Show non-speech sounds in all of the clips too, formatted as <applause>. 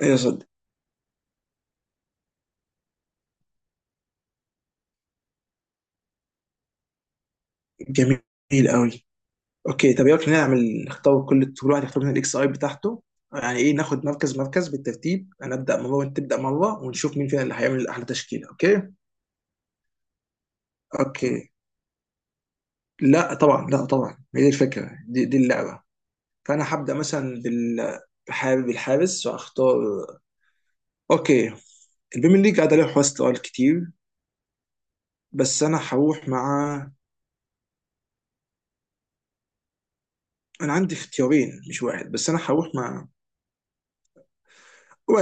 ايه يا صديقي. جميل قوي. اوكي، طب يلا نعمل، نختار كل واحد يختار من الاكس اي بتاعته. يعني ايه، ناخد مركز مركز بالترتيب، انا ابدا مره وانت تبدا مره ونشوف مين فينا اللي هيعمل احلى تشكيله. اوكي. اوكي، لا طبعا، لا طبعا، هي دي الفكره، دي, دي اللعبه. فانا هبدا مثلا بحابب الحارس واختار. اوكي، البيمن ليج قاعد عليه حواس سؤال كتير، بس انا هروح مع. انا عندي اختيارين مش واحد، بس انا هروح مع.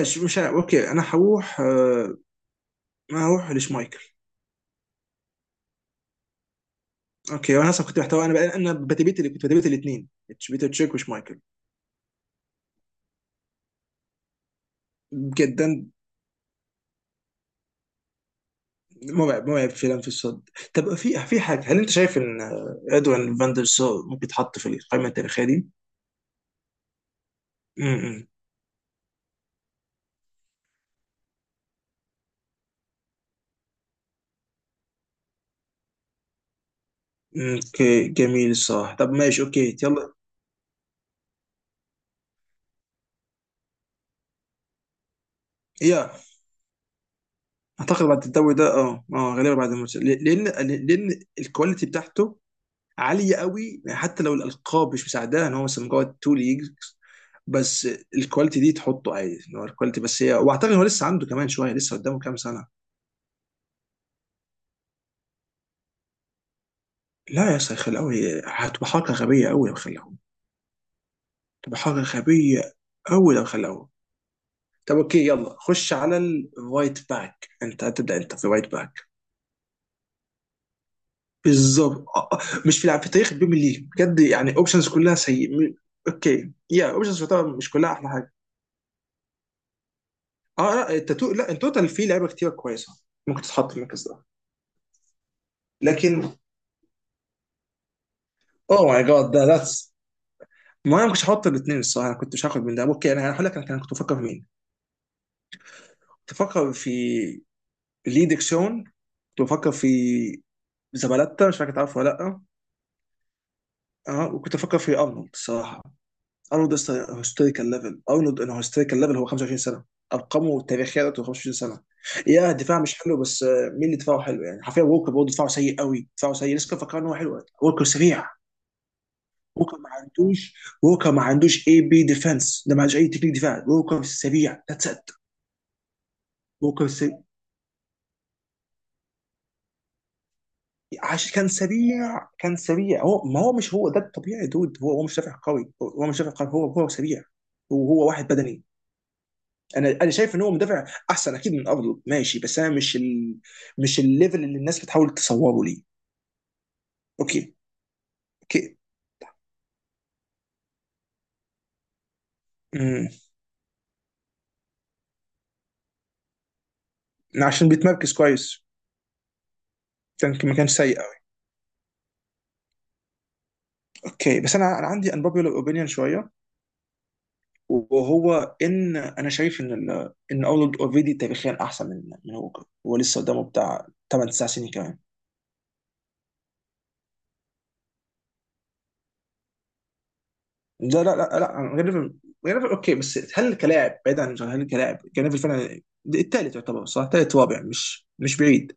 مش عارف. اوكي انا هروح، ما هروح لشمايكل. اوكي، وانا اصلا كنت محتار انا بقى، انا بتبيت اللي كنت بتبيت الاثنين، بيتر تشيك وشمايكل. جدا. مرعب مرعب فعلا في الصد. طب في حاجه، هل انت شايف ان ادوين فاندر سار ممكن يتحط في القائمه التاريخيه دي؟ امم. اوكي جميل الصراحه. طب ماشي، اوكي يلا. يا اعتقد بعد الدوري ده، غالبا بعد الماتش، لان الكواليتي بتاعته عاليه قوي، حتى لو الالقاب مش مساعداه ان هو مثلا مجرد تو ليجز. بس الكواليتي دي تحطه عادي ان هو الكواليتي بس هي، واعتقد هو لسه عنده كمان شويه، لسه قدامه كام سنه. لا يا اسطى، خلاوي هتبقى حركه غبيه قوي لو خلاهم. تبقى حركه غبيه قوي لو خلاهم. طب اوكي، يلا خش على الرايت باك. انت هتبدا، انت في رايت باك. بالظبط، آه، آه. مش في لعب في تاريخ البيم ليج بجد، يعني اوبشنز كلها سيء. اوكي يا، اوبشنز مش كلها احلى حاجه. اه، لا التاتو لا التوتال فيه لعيبه كتير كويسه، ممكن تتحط في المركز ده. لكن. اوه ماي جاد، ده ذاتس. ما انا ما كنتش هحط الاثنين الصراحه، انا كنت مش هاخد من ده. اوكي انا هقول لك، انا كنت بفكر في مين. كنت بفكر في لي ديكسون، كنت بفكر في زبالتا، مش فاكر تعرفه ولا لا. اه وكنت بفكر في ارنولد الصراحه. ارنولد هيستوريكال ليفل. ارنولد انا هيستوريكال ليفل هو 25 سنه، ارقامه التاريخيه بتاعته 25 سنه. يا دفاع مش حلو، بس مين اللي دفاعه حلو؟ يعني حرفيا ووكر برضه دفاعه سيء قوي، دفاعه سيء، لسه كان فاكر ان هو حلو. ووكر سريع، ووكر ما عندوش ووكر ما عندوش اي بي ديفense، ده ما عندوش اي تكنيك دفاع. ووكر سريع، ذاتس ات. ممكن س... عشان كان سريع، كان سريع. هو، ما هو مش هو ده الطبيعي دود. هو مش دافع قوي، هو مش دافع قوي، هو سريع، وهو واحد بدني. انا شايف ان هو مدافع احسن اكيد من ارنولد، ماشي. بس انا مش مش الليفل اللي الناس بتحاول تصوره ليه. اوكي. اوكي. امم. عشان بيتمركز كويس، كان ما كانش سيء قوي. اوكي بس انا عندي unpopular اوبينيون شويه، وهو ان انا شايف ان ان ارنولد اوريدي تاريخيا احسن من هوكر، هو لسه قدامه بتاع 8 9 سنين كمان. لا لا لا لا، جريفيل. جريفيل اوكي، بس هل كلاعب بعيد عن؟ هل كلاعب جريفيل فعلا الثالث يعتبر؟ صح، ثالث رابع مش بعيد.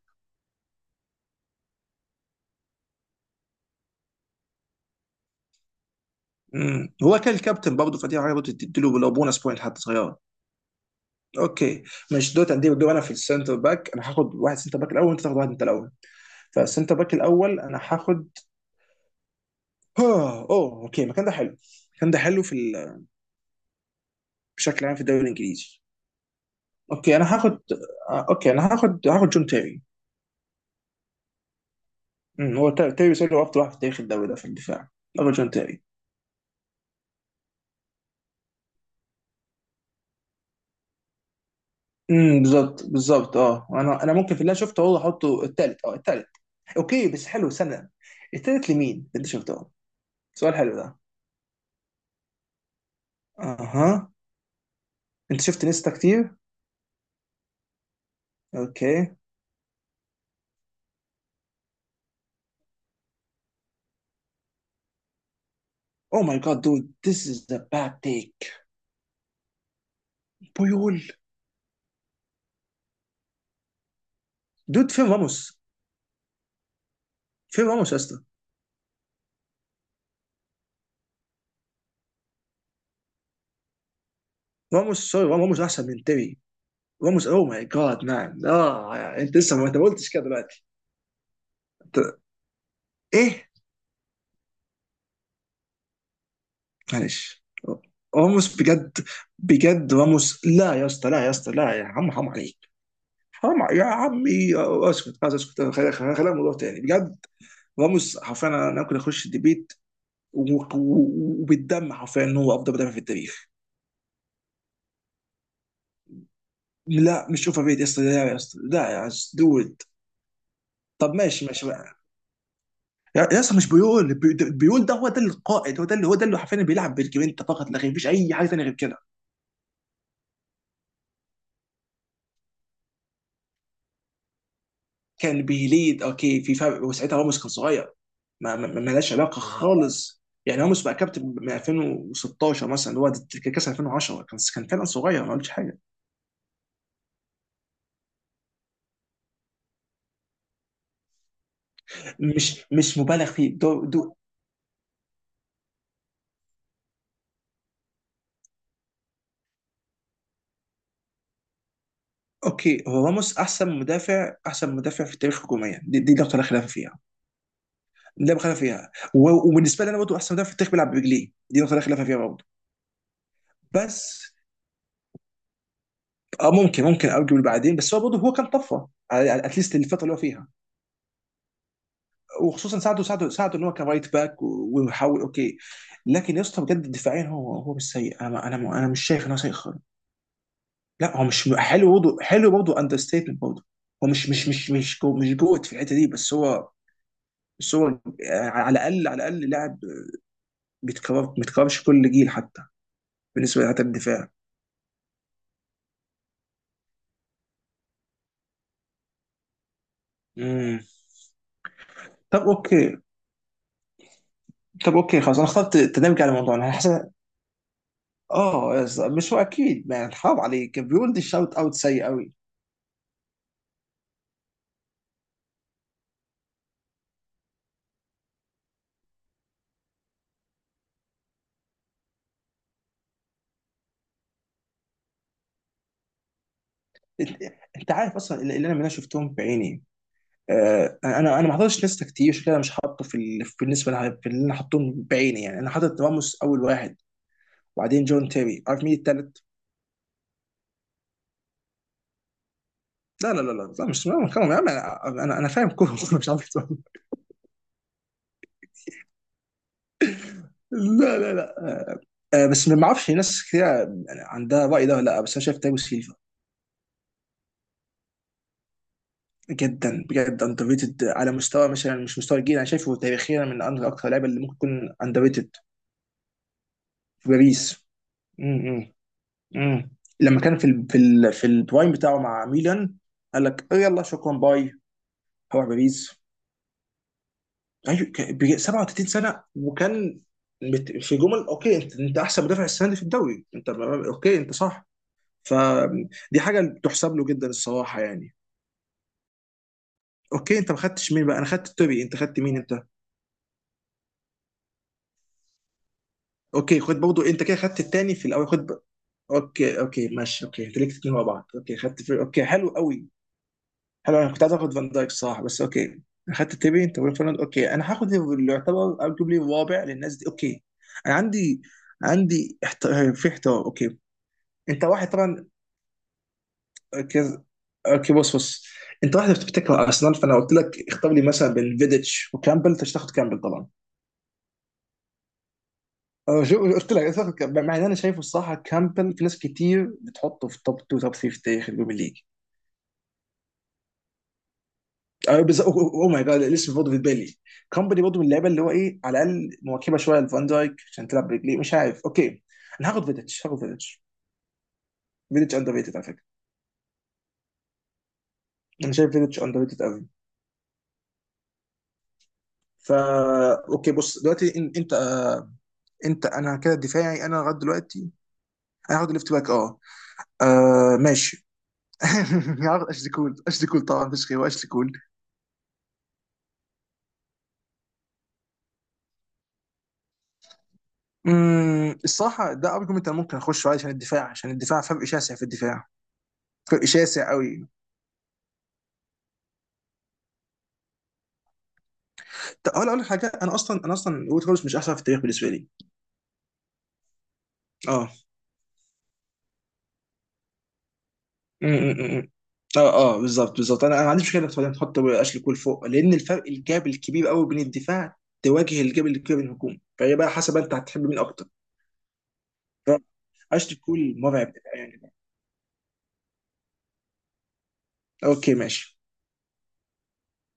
هو كان الكابتن برضه، فدي حاجه برضه تديله لو بونس بوينت حتى صغيره. اوكي. مش دوت عندي دور انا في السنتر باك. انا هاخد واحد سنتر باك الاول، وانت تاخد واحد انت الاول. فالسنتر باك الاول انا هاخد. اوه، اوه، اوكي المكان ده حلو. المكان ده حلو في بشكل عام في الدوري الانجليزي. اوكي انا هاخد اوكي انا هاخد جون تيري. هو تيري سيلو افضل واحد في تاريخ الدوري ده في الدفاع. افرجون تيري. امم، بالظبط، بالظبط. اه انا ممكن في اللي أنا شفته هو احطه الثالث، اه الثالث. اوكي بس حلو سنه، الثالث لمين اللي شفته؟ سؤال حلو ده. اها. انت شفت نيستا كتير. اوكي. او ماي جاد دود، ذيس از ذا باد تيك. بيول، دود فين راموس؟ فين راموس يا اسطى؟ راموس، سوري، راموس احسن من تيري. راموس او ماي جاد مان. اه، انت لسه، ما انت ما قلتش كده دلوقتي؟ أنت- ايه؟ معلش. راموس بجد، بجد راموس. لا يا اسطى، لا يا اسطى، لا يا عم، حرام عليك. حرام يا عمي. اسكت، عايز اسكت، خلينا الموضوع تاني بجد. راموس حرفيا أنا ممكن اخش الديبيت وبالدم حرفيا ان هو افضل مدافع في التاريخ. لا، مش اوفر ريت يا اسطى، لا يا اسطى، لا يا دود. طب ماشي، ماشي بقى. يا اسطى، مش بيقول بيقول ده هو ده القائد، هو ده اللي حرفيا بيلعب بالجرينتا، فقط لا غير، مفيش اي حاجه ثانيه غير كده. كان بيليد اوكي في فرق، وساعتها راموس كان صغير. ما لهاش علاقه خالص، يعني راموس بقى كابتن من 2016 مثلا اللي هو ده. كاس 2010 كان فعلا صغير، ما قلتش حاجه. مش مبالغ فيه دو دو. اوكي، هو راموس احسن مدافع في التاريخ هجوميا، دي نقطه لا خلاف فيها. لا خلاف فيها وبالنسبه لي انا برضه احسن مدافع في التاريخ بيلعب برجليه، دي نقطه لا خلاف فيها برضه. بس اه ممكن ارجو بعدين، بس هو برضه هو كان طفره اتليست الفتره اللي هو فيها. وخصوصا ساعده، ان هو كان رايت باك ويحاول اوكي. لكن يا اسطى بجد دفاعيا، هو مش سيء. انا مش شايف ان هو سيء خالص. لا هو مش حلو برضه، حلو برضه اندر ستيتمنت برضه. هو مش جوت في الحته دي، بس هو على الاقل لاعب بيتكررش كل جيل حتى بالنسبه لحتى الدفاع. امم. طب اوكي طب اوكي خلاص انا اخترت تدمج على الموضوع انا حاسس. اه يا اسطى، مش هو اكيد يعني، حرام عليك بيقول، دي الشوت اوت سيء قوي. انت أنت عارف اصلا اللي انا شفتهم بعيني. انا ما حضرتش ناس كتير، عشان كده مش حاطه في اللي انا حاطهم بعيني. يعني انا حاطط راموس اول واحد، وبعدين جون تيري. عارف مين التالت؟ لا لا لا لا لا، مش لا، يا عم، انا انا أنا فاهم كوره <laughs> أنا مش عارف أتفرج. لا لا لا. بس ما اعرفش ناس كتير يعني عندها الراي ده ولا لا، بس انا شايف تيري سيلفا. جدا بجد اندر ريتد، على مستوى مثلا مش مستوى الجيل، انا شايفه تاريخيا اكتر اللعيبه اللي ممكن تكون اندر ريتد. في باريس. م- م. امم. لما كان في ال في ال في البرايم بتاعه مع ميلان، قال لك "آه يلا شكرا باي، هروح باريس". ايوه، كان 37 سنه، وكان في جمل، اوكي انت احسن مدافع السنه دي في الدوري. انت اوكي، انت صح. فدي حاجه تحسب له جدا الصراحه، يعني. اوكي، انت ما خدتش مين بقى؟ انا خدت توري، انت خدت مين انت؟ اوكي خد برضه. انت كده خدت التاني في الاول. خد اوكي، اوكي، ماشي، اوكي، انت ليك اتنين مع بعض، اوكي، خدت اوكي حلو قوي. حلو، انا كنت عايز اخد فان دايك صح، بس اوكي، اخدت تيبي انت وفرناند. اوكي انا هاخد اللي يعتبر ارجوبلي الرابع للناس دي. اوكي، انا عندي في احترام اوكي، انت واحد طبعا. كز... اوكي بص بص، انت واحد بتفتكر ارسنال. فانا قلت لك اختار لي مثلا بين فيديتش وكامبل، انت مش هتاخد كامبل طبعا. أه، شو قلت لك، أنت هتاخد كامبل، مع ان انا شايفه الصراحه كامبل في ناس كتير بتحطه في توب 2 توب 3 في تاريخ البريمير ليج. ايوه بالظبط. اوه ماي جاد، الاسم برضه في بالي، كومباني برضه من اللعيبه اللي هو، ايه، على الاقل مواكبه شويه لفان دايك عشان تلعب برجليه، مش عارف. اوكي، انا هاخد فيديتش، هاخد فيديتش. فيديتش اندر ريتد على فكره، انا شايف فيديتش اندر ريتد قوي. فا اوكي، بص دلوقتي، انت، انت انا كده دفاعي انا لغايه دلوقتي. انا هاخد ليفت باك، اه. آه ماشي. <laughs> هاخد اشلي كول، اشلي كول طبعا، مفيش غيره اشلي كول. الصراحه ده ارجيومنت انا ممكن اخش عليه، عشان الدفاع فرق شاسع في الدفاع، فرق شاسع قوي. طب اقول لك حاجه، انا اصلا ويت هولز مش احسن في التاريخ بالنسبه لي. اه، م- م- م. اه اه بالظبط، بالظبط. انا ما عنديش مشكله انك تحط اشلي كول فوق، لان الفرق الجاب الكبير قوي بين الدفاع، تواجه الجاب الكبير بين الهجوم، فهي بقى حسب انت هتحب مين اكتر. ف- اشلي كول مرعب يعني. اوكي ماشي.